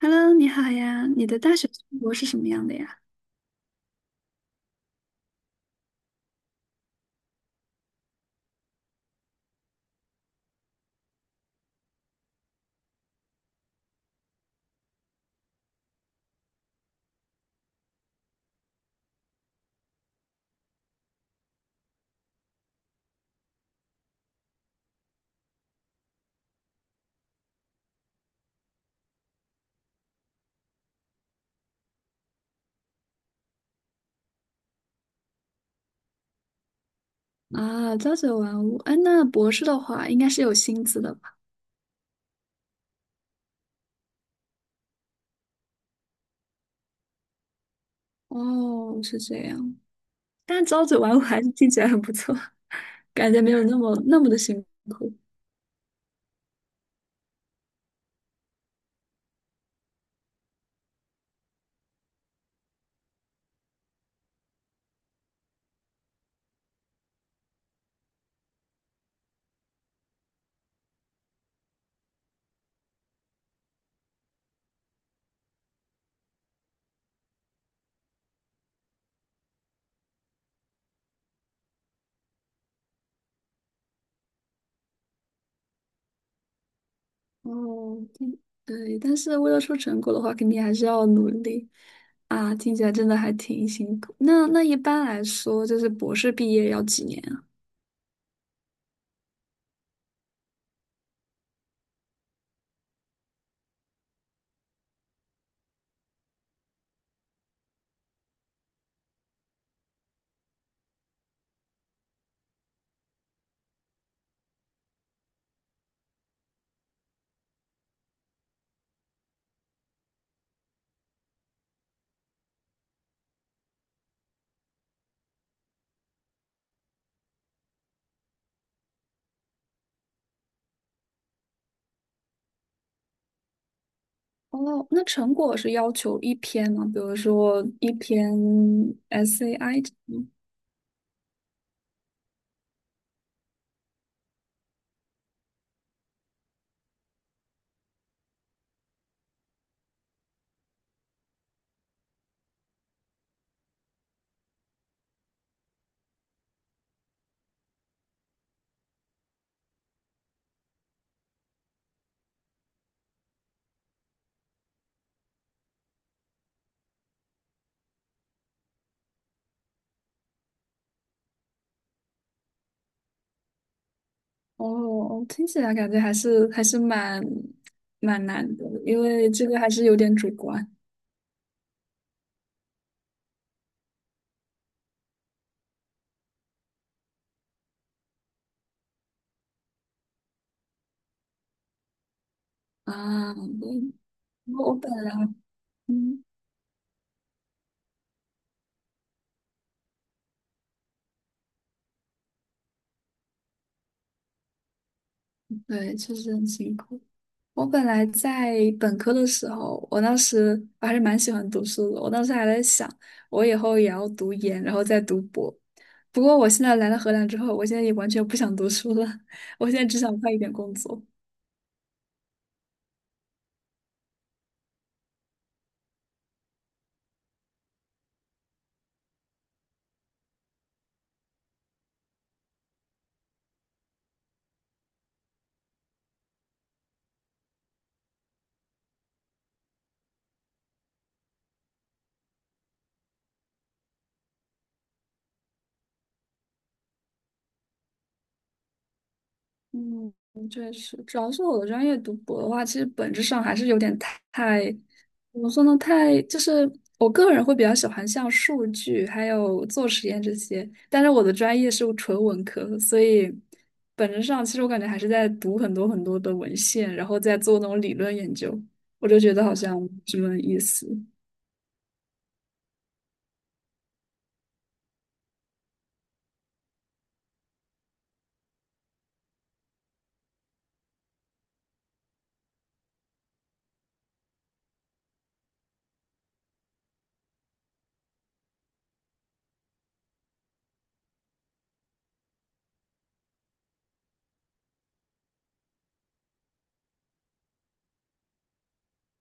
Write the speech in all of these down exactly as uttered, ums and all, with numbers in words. Hello，你好呀，你的大学生活是什么样的呀？啊，朝九晚五，哎，那博士的话应该是有薪资的吧？哦，是这样，但朝九晚五还是听起来很不错，感觉没有那么那么的辛苦。哦，听对，但是为了出成果的话，肯定还是要努力啊。听起来真的还挺辛苦。那那一般来说，就是博士毕业要几年啊？哦，那成果是要求一篇吗？比如说一篇 S A I 这种。哦，听起来感觉还是还是蛮蛮难的，因为这个还是有点主观啊。对。我我本来嗯对，确实很辛苦。我本来在本科的时候，我当时我还是蛮喜欢读书的，我当时还在想，我以后也要读研，然后再读博。不过我现在来了荷兰之后，我现在也完全不想读书了，我现在只想快一点工作。嗯，确实，主要是我的专业读博的话，其实本质上还是有点太，怎么说呢？太就是我个人会比较喜欢像数据还有做实验这些，但是我的专业是纯文科，所以本质上其实我感觉还是在读很多很多的文献，然后再做那种理论研究，我就觉得好像没什么意思。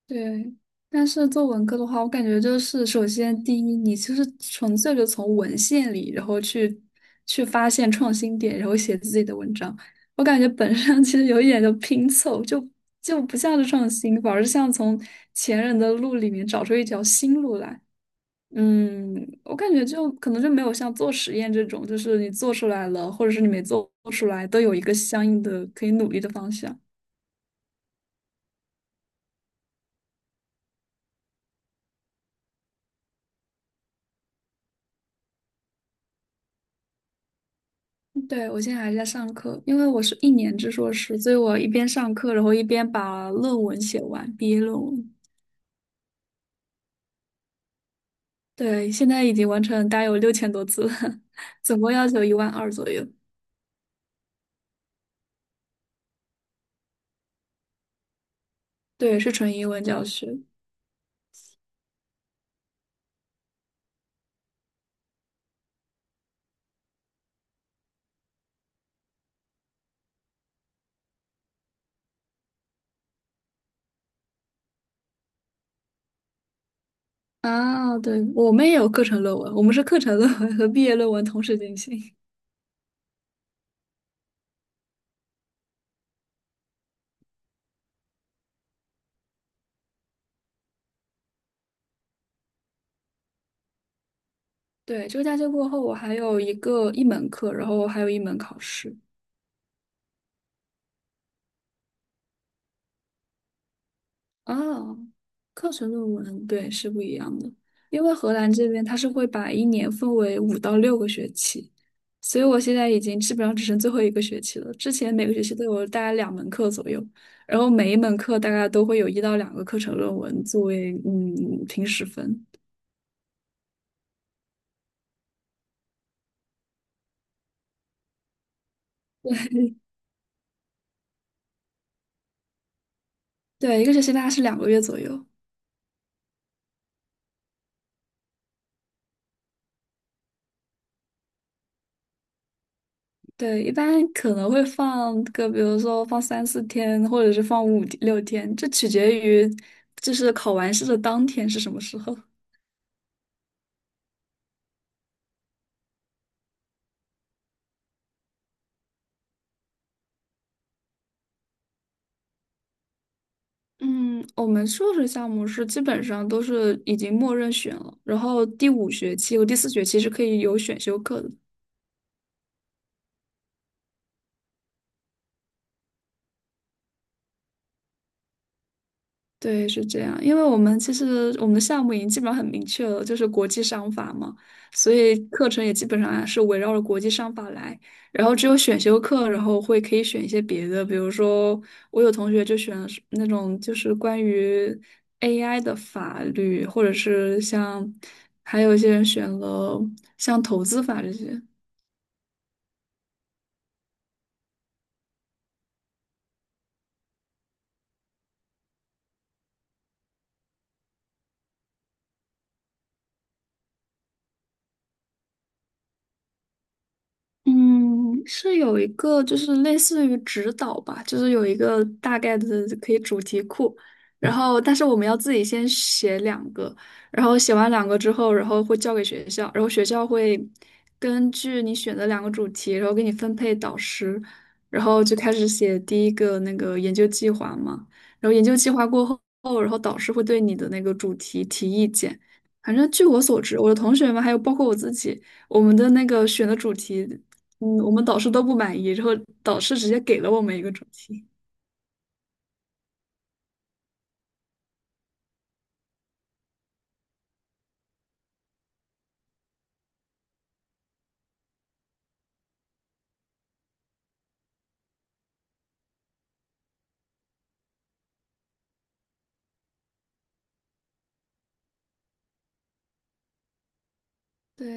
对，但是做文科的话，我感觉就是首先第一，你就是纯粹的从文献里，然后去去发现创新点，然后写自己的文章。我感觉本身其实有一点就拼凑，就就不像是创新，反而像从前人的路里面找出一条新路来。嗯，我感觉就可能就没有像做实验这种，就是你做出来了，或者是你没做出来，都有一个相应的可以努力的方向。对，我现在还在上课，因为我是一年制硕士，所以我一边上课，然后一边把论文写完，毕业论文。对，现在已经完成，大概有六千多字了，总共要求一万二左右。对，是纯英文教学。啊，对，我们也有课程论文，我们是课程论文和毕业论文同时进行。对，这个假期过后，我还有一个一门课，然后还有一门考试。哦，课程论文，对，是不一样的。因为荷兰这边它是会把一年分为五到六个学期，所以我现在已经基本上只剩最后一个学期了。之前每个学期都有大概两门课左右，然后每一门课大概都会有一到两个课程论文作为嗯平时分。对，一个学期大概是两个月左右。对，一般可能会放个，比如说放三四天，或者是放五六天，这取决于就是考完试的当天是什么时候。嗯，我们硕士项目是基本上都是已经默认选了，然后第五学期和第四学期是可以有选修课的。对，是这样，因为我们其实我们的项目已经基本上很明确了，就是国际商法嘛，所以课程也基本上啊是围绕着国际商法来。然后只有选修课，然后会可以选一些别的，比如说我有同学就选了是那种就是关于 A I 的法律，或者是像还有一些人选了像投资法这些。嗯，是有一个就是类似于指导吧，就是有一个大概的可以主题库，然后但是我们要自己先写两个，然后写完两个之后，然后会交给学校，然后学校会根据你选的两个主题，然后给你分配导师，然后就开始写第一个那个研究计划嘛，然后研究计划过后，然后导师会对你的那个主题提意见，反正据我所知，我的同学们还有包括我自己。我们的那个选的主题嗯，我们导师都不满意，然后导师直接给了我们一个主题。对，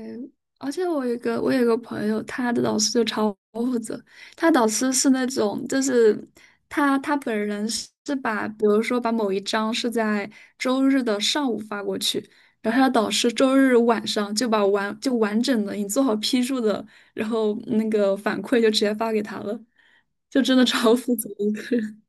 而且我有一个我有一个朋友，他的导师就超负责。他导师是那种，就是他他本人是是把，比如说把某一章是在周日的上午发过去，然后他的导师周日晚上就把完就完整的你做好批注的，然后那个反馈就直接发给他了，就真的超负责的一个人。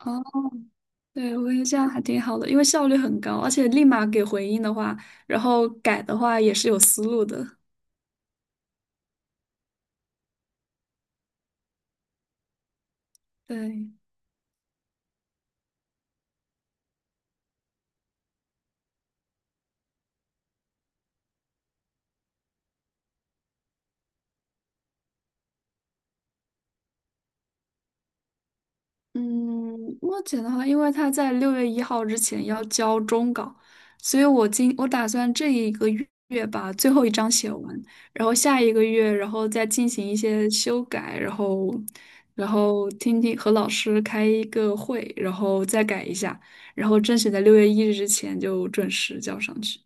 对，我感觉得这样还挺好的，因为效率很高，而且立马给回应的话，然后改的话也是有思路的。对，嗯，目前的话，因为他在六月一号之前要交终稿，所以我今我打算这一个月把最后一章写完，然后下一个月，然后再进行一些修改，然后然后听听和老师开一个会，然后再改一下，然后争取在六月一日之前就准时交上去。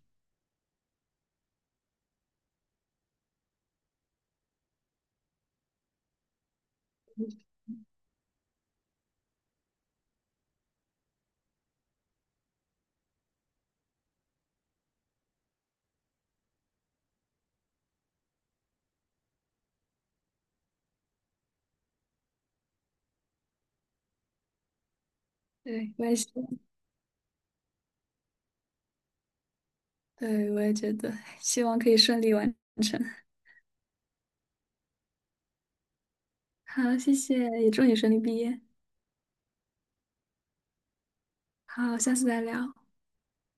对，我也是。对，我也觉得，希望可以顺利完成。好，谢谢，也祝你顺利毕业。好，下次再聊。